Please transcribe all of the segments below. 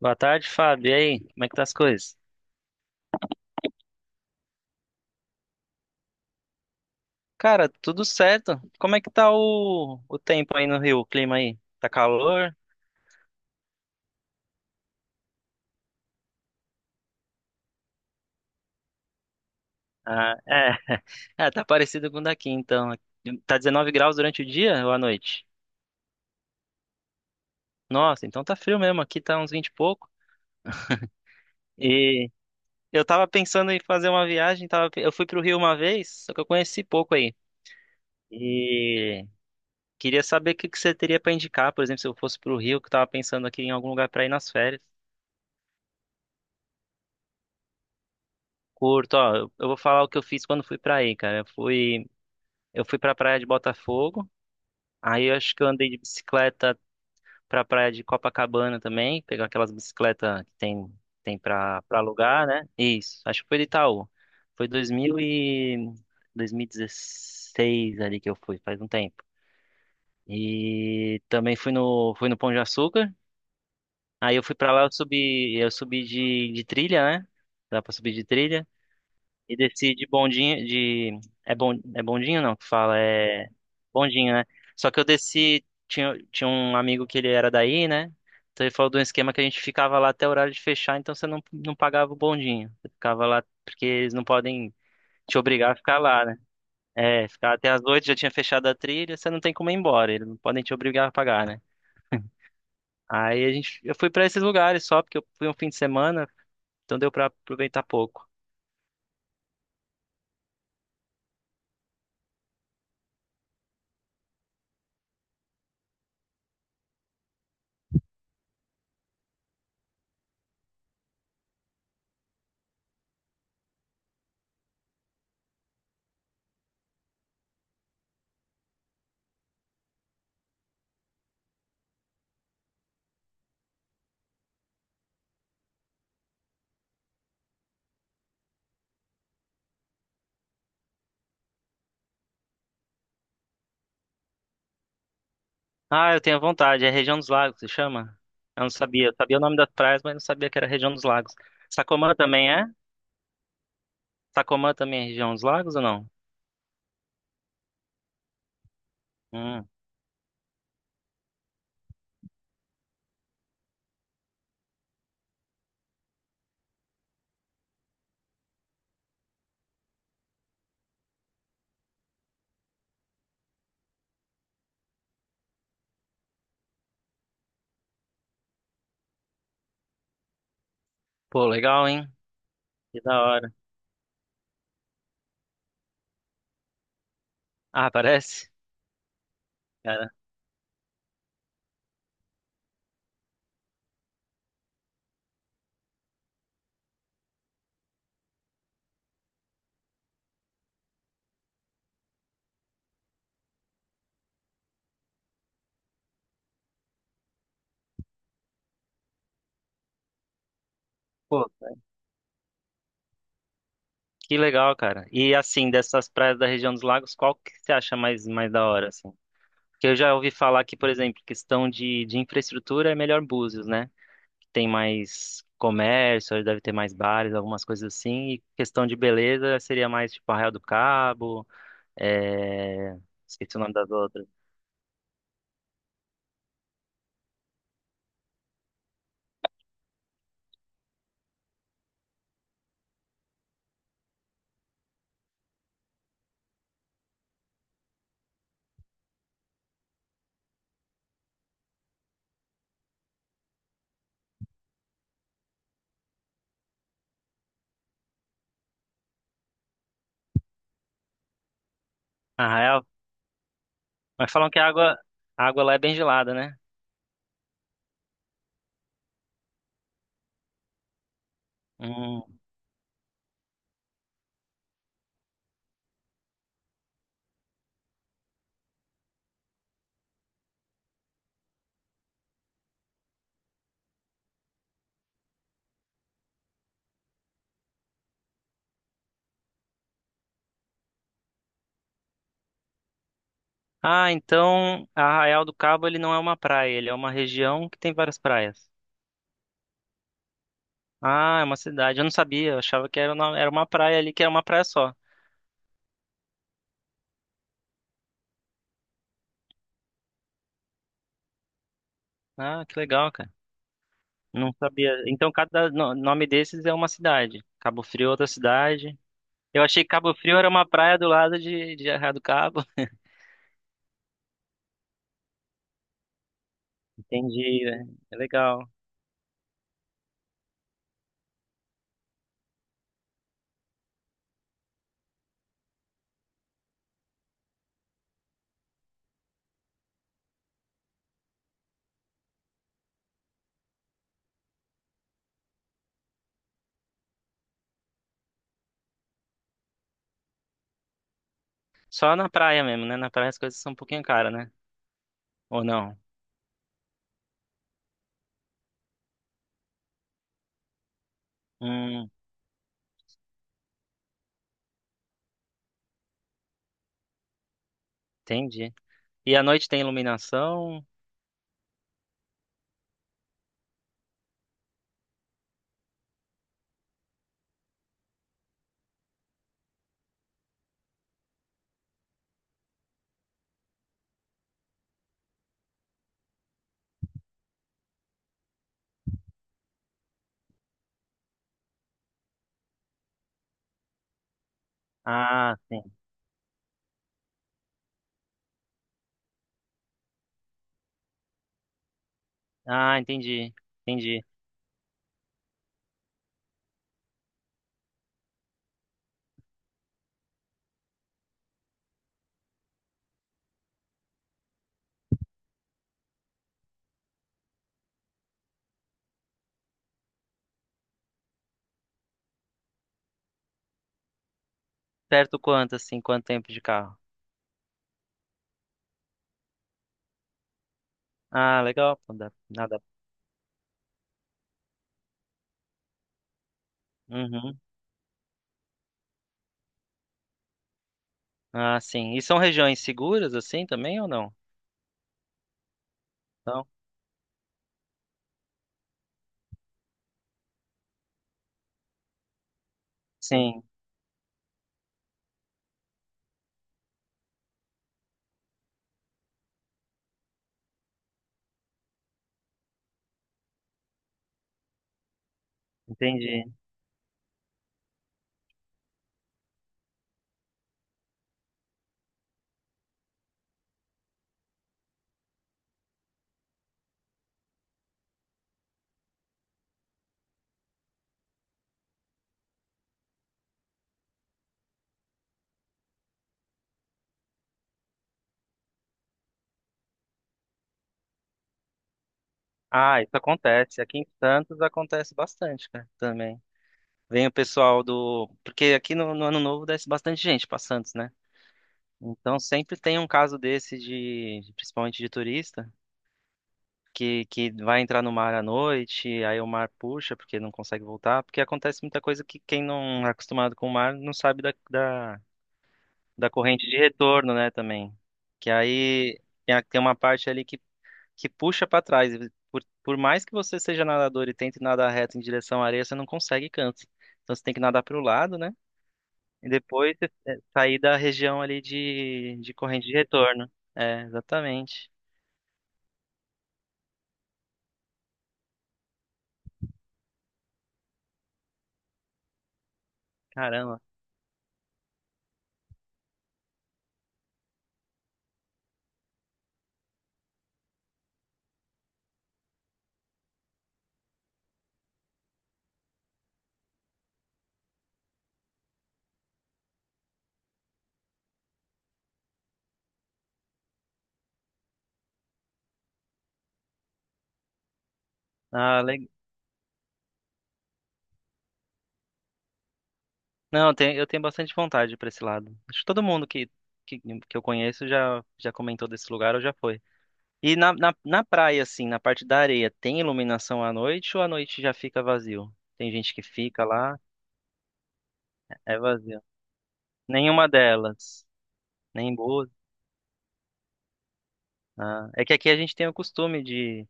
Boa tarde, Fábio. E aí, como é que tá as coisas? Cara, tudo certo. Como é que tá o tempo aí no Rio, o clima aí? Tá calor? Ah, é. É, tá parecido com o daqui, então. Tá 19 graus durante o dia ou à noite? Nossa, então tá frio mesmo. Aqui tá uns 20 e pouco. E eu tava pensando em fazer uma viagem, tava, eu fui pro Rio uma vez, só que eu conheci pouco aí. E queria saber o que que você teria pra indicar, por exemplo, se eu fosse pro Rio, que eu tava pensando aqui em algum lugar pra ir nas férias. Curto, ó, eu vou falar o que eu fiz quando fui pra aí, cara. Eu fui pra praia de Botafogo, aí eu acho que eu andei de bicicleta pra praia de Copacabana também, pegar aquelas bicicletas que tem, tem pra alugar, né? Isso, acho que foi de Itaú. Foi 2000 e 2016 ali que eu fui, faz um tempo. E também fui no Pão de Açúcar, aí eu fui pra lá, eu subi de trilha, né? Dá pra subir de trilha. E desci de bondinho, de... é bondinho não que fala, é bondinho, né? Só que eu desci, tinha um amigo que ele era daí, né? Então ele falou de um esquema que a gente ficava lá até o horário de fechar, então você não, não pagava o bondinho. Você ficava lá porque eles não podem te obrigar a ficar lá, né? É, ficar até as oito, já tinha fechado a trilha, você não tem como ir embora, eles não podem te obrigar a pagar, né? Eu fui pra esses lugares só porque eu fui um fim de semana, então deu pra aproveitar pouco. Ah, eu tenho vontade. É região dos lagos, se chama? Eu não sabia. Eu sabia o nome das praias, mas não sabia que era região dos lagos. Sacomã também é? Sacomã também é região dos lagos ou não? Hum. Pô, legal, hein? Que da hora. Ah, parece? Cara. Pô, que legal, cara. E assim, dessas praias da região dos lagos, qual que você acha mais da hora, assim? Porque eu já ouvi falar que, por exemplo, questão de infraestrutura é melhor Búzios, né? Que tem mais comércio, deve ter mais bares, algumas coisas assim. E questão de beleza seria mais tipo Arraial do Cabo. É... Esqueci o nome das outras. Ah, Arraial? Mas falam que a água lá é bem gelada, né? Hum. Ah, então Arraial do Cabo ele não é uma praia, ele é uma região que tem várias praias. Ah, é uma cidade. Eu não sabia, eu achava que era uma praia ali, que era uma praia só. Ah, que legal, cara. Não sabia. Então cada no- nome desses é uma cidade. Cabo Frio é outra cidade. Eu achei que Cabo Frio era uma praia do lado de Arraial do Cabo. Entendi, né? É legal. Só na praia mesmo, né? Na praia as coisas são um pouquinho caras, né? Ou não? Hum, entendi. E à noite tem iluminação? Ah, sim. Ah, entendi. Entendi. Perto quanto, assim, quanto tempo de carro? Ah, legal. Não dá- Nada. Uhum. Ah, sim. E são regiões seguras, assim, também ou não? Então, sim, entendi. Ah, isso acontece. Aqui em Santos acontece bastante, cara, também. Vem o pessoal do. Porque aqui no Ano Novo desce bastante gente pra Santos, né? Então sempre tem um caso desse principalmente de turista. Que vai entrar no mar à noite, aí o mar puxa porque não consegue voltar, porque acontece muita coisa que quem não é acostumado com o mar não sabe da corrente de retorno, né, também. Que aí tem a- tem uma parte ali que puxa para trás. E por mais que você seja nadador e tente nadar reto em direção à areia, você não consegue canto. Então você tem que nadar para o lado, né? E depois você- é, sair da região ali de corrente de retorno. É, exatamente. Caramba. Ah, não, eu tenho bastante vontade pra esse lado. Acho que todo mundo que eu conheço já, já comentou desse lugar ou já foi. E na praia, assim, na parte da areia, tem iluminação à noite ou à noite já fica vazio? Tem gente que fica lá, é vazio. Nenhuma delas, nem boas. Ah, é que aqui a gente tem o costume de.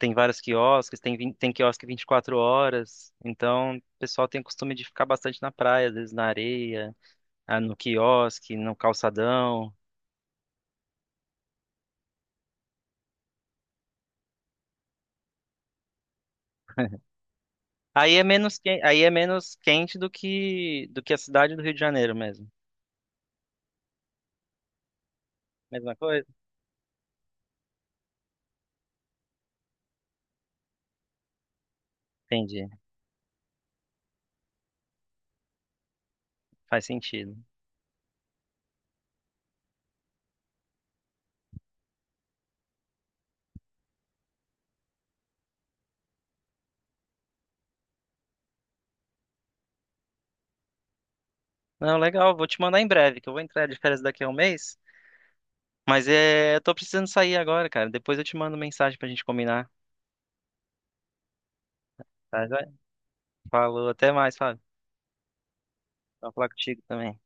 Tem vários quiosques, tem quiosque 24 horas, então o pessoal tem o costume de ficar bastante na praia, às vezes na areia, ah, no quiosque, no calçadão. Aí é menos que... aí é menos quente do que a cidade do Rio de Janeiro mesmo. Mesma coisa? Entendi. Faz sentido. Não, legal, vou te mandar em breve, que eu vou entrar de férias daqui a um mês, mas é, eu tô precisando sair agora, cara. Depois eu te mando mensagem pra gente combinar, tá? Joia? Falou, até mais, Fábio. Vou falar contigo também.